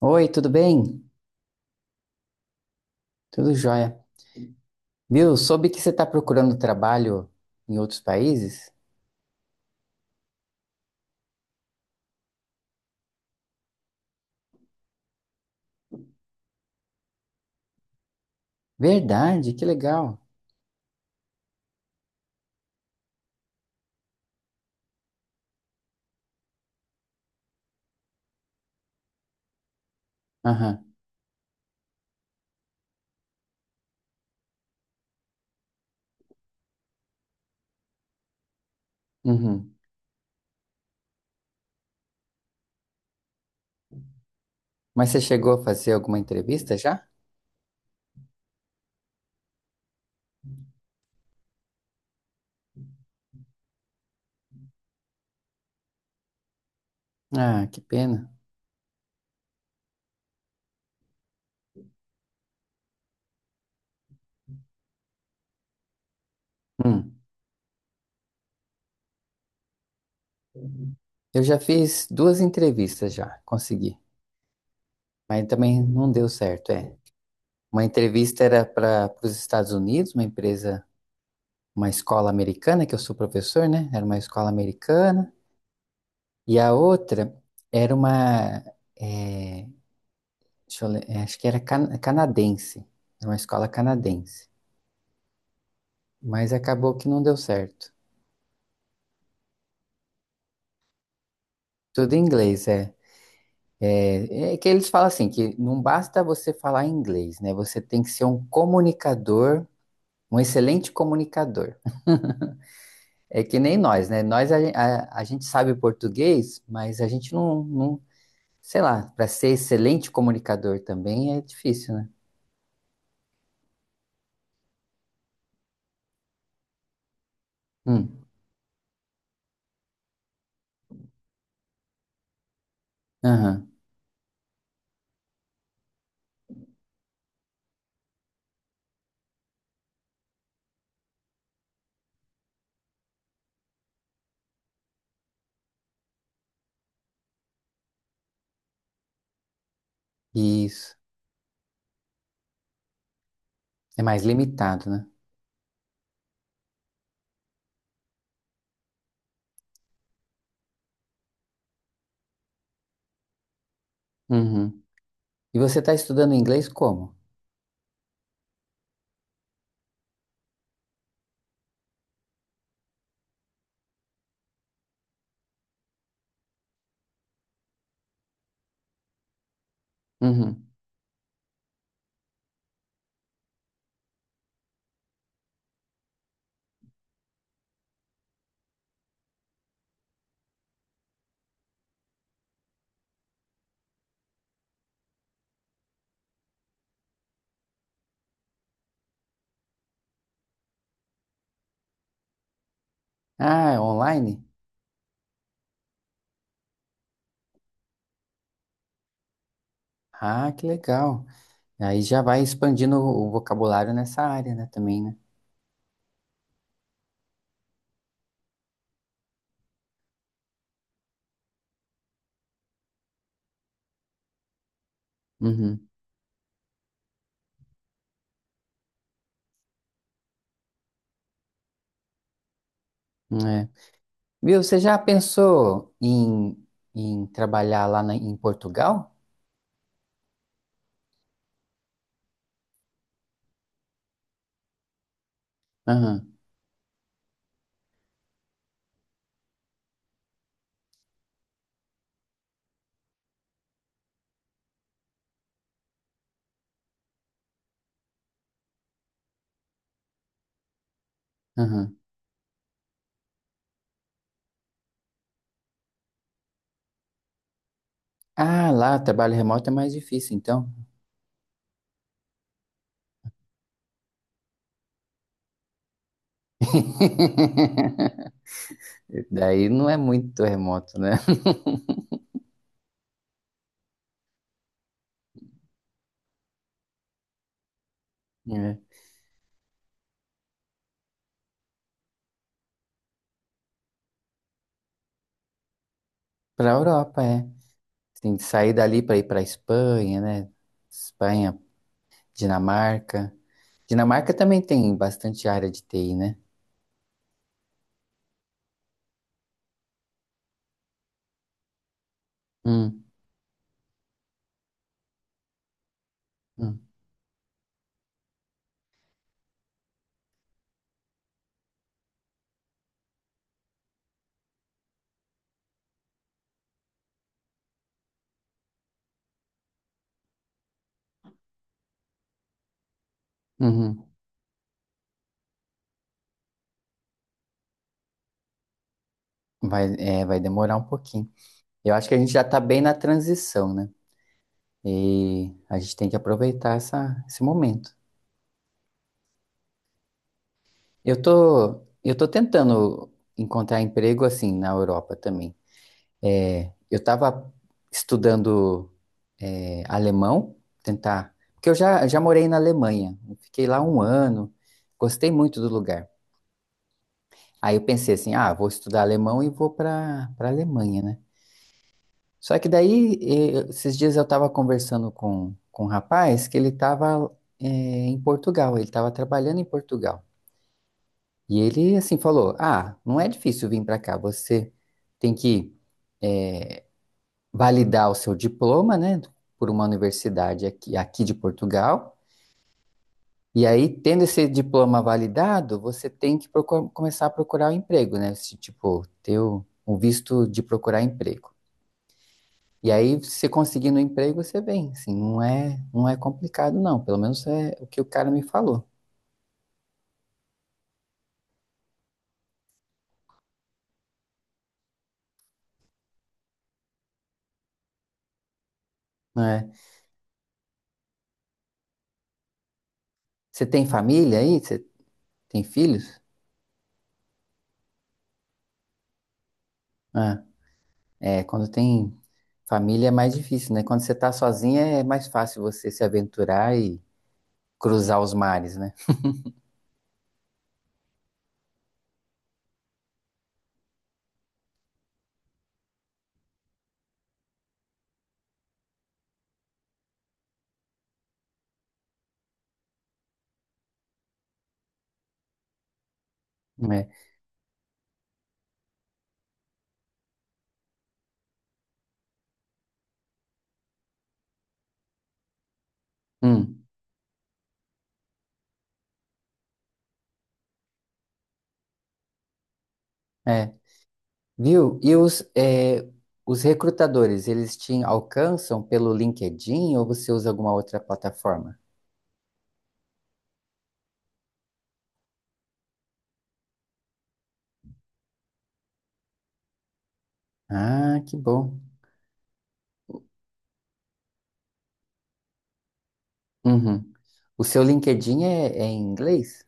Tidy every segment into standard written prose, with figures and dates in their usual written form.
Oi, tudo bem? Tudo jóia. Viu? Soube que você está procurando trabalho em outros países? Verdade, que legal. Aham, uhum. Mas você chegou a fazer alguma entrevista já? Ah, que pena. Hum. Eu já fiz duas entrevistas já, consegui. Mas também não deu certo, é. Uma entrevista era para os Estados Unidos, uma empresa, uma escola americana, que eu sou professor, né? Era uma escola americana. E a outra era uma, eh, deixa eu ler, é, acho que era canadense, é uma escola canadense, mas acabou que não deu certo. Tudo em inglês, é. É, é que eles falam assim, que não basta você falar inglês, né? Você tem que ser um comunicador, um excelente comunicador. É que nem nós, né? Nós, a gente sabe português, mas a gente sei lá, para ser excelente comunicador também é difícil, né? Hum, aham, isso. É mais limitado, né? Uhum. E você está estudando inglês como? Uhum. Ah, é online? Ah, que legal. Aí já vai expandindo o vocabulário nessa área, né, também, né? Uhum. É. Viu, você já pensou em, em trabalhar em Portugal? Aham, aham. Ah, lá, o trabalho remoto é mais difícil, então. Daí não é muito remoto, né? É. Para a Europa, é. Você tem que sair dali para ir para Espanha, né? Espanha, Dinamarca. Dinamarca também tem bastante área de TI, né? Hum, hum, uhum. Vai, é, vai demorar um pouquinho. Eu acho que a gente já está bem na transição, né? E a gente tem que aproveitar essa, esse momento. Eu tô tentando encontrar emprego assim na Europa também. É, eu estava estudando alemão, tentar, porque eu já morei na Alemanha, fiquei lá um ano, gostei muito do lugar. Aí eu pensei assim, ah, vou estudar alemão e vou para Alemanha, né? Só que daí, esses dias eu estava conversando com um rapaz que ele estava em Portugal, ele estava trabalhando em Portugal. E ele, assim, falou, ah, não é difícil vir para cá, você tem que validar o seu diploma, né, por uma universidade aqui de Portugal. E aí, tendo esse diploma validado, você tem que começar a procurar um emprego, né? Esse, tipo, ter o visto de procurar emprego. E aí, se você conseguir no emprego, você vem, assim, não é complicado, não. Pelo menos é o que o cara me falou, né? Você tem família aí? Você tem filhos? Ah, é, é, quando tem família é mais difícil, né? Quando você tá sozinha é mais fácil você se aventurar e cruzar os mares, né? É. Hum, é. Viu? E os, é, os recrutadores, eles te alcançam pelo LinkedIn ou você usa alguma outra plataforma? Ah, que bom. Uhum. O seu LinkedIn é, é em inglês?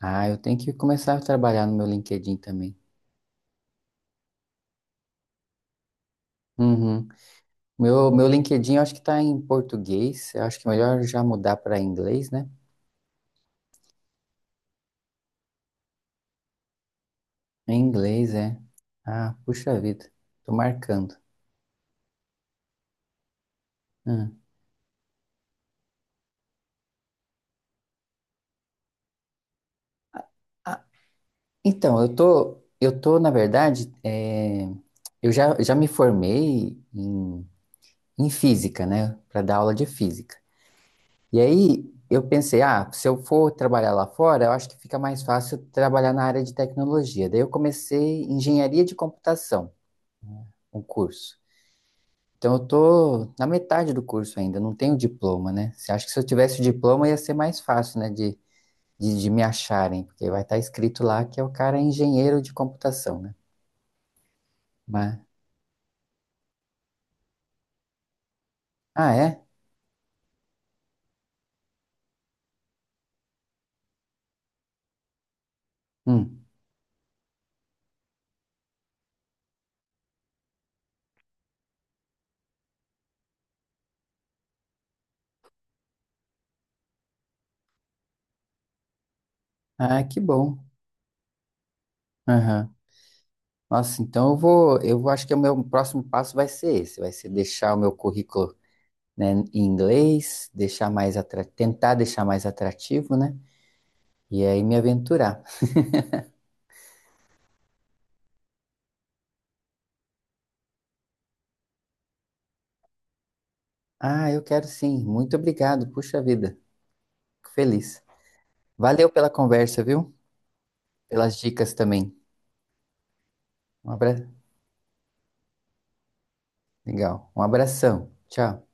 Ah, eu tenho que começar a trabalhar no meu LinkedIn também. Uhum. Meu LinkedIn eu acho que está em português. Eu acho que é melhor já mudar para inglês, né? É, em inglês, é. Ah, puxa vida. Tô marcando. Hum. Ah, então, na verdade, eu já me formei em, em física, né? Para dar aula de física. E aí eu pensei, ah, se eu for trabalhar lá fora, eu acho que fica mais fácil trabalhar na área de tecnologia. Daí eu comecei engenharia de computação, um curso. Então eu tô na metade do curso ainda, não tenho diploma, né? Você acha que se eu tivesse o diploma ia ser mais fácil, né, de me acharem, porque vai estar escrito lá que é o cara é engenheiro de computação, né? Mas, ah, é? Hum. Ah, que bom. Aham. Nossa, então acho que o meu próximo passo vai ser esse, vai ser deixar o meu currículo né, em inglês, deixar tentar deixar mais atrativo, né? E aí me aventurar. Ah, eu quero sim. Muito obrigado. Puxa vida. Fico feliz. Valeu pela conversa, viu? Pelas dicas também. Um abra... Legal. Um abração. Tchau.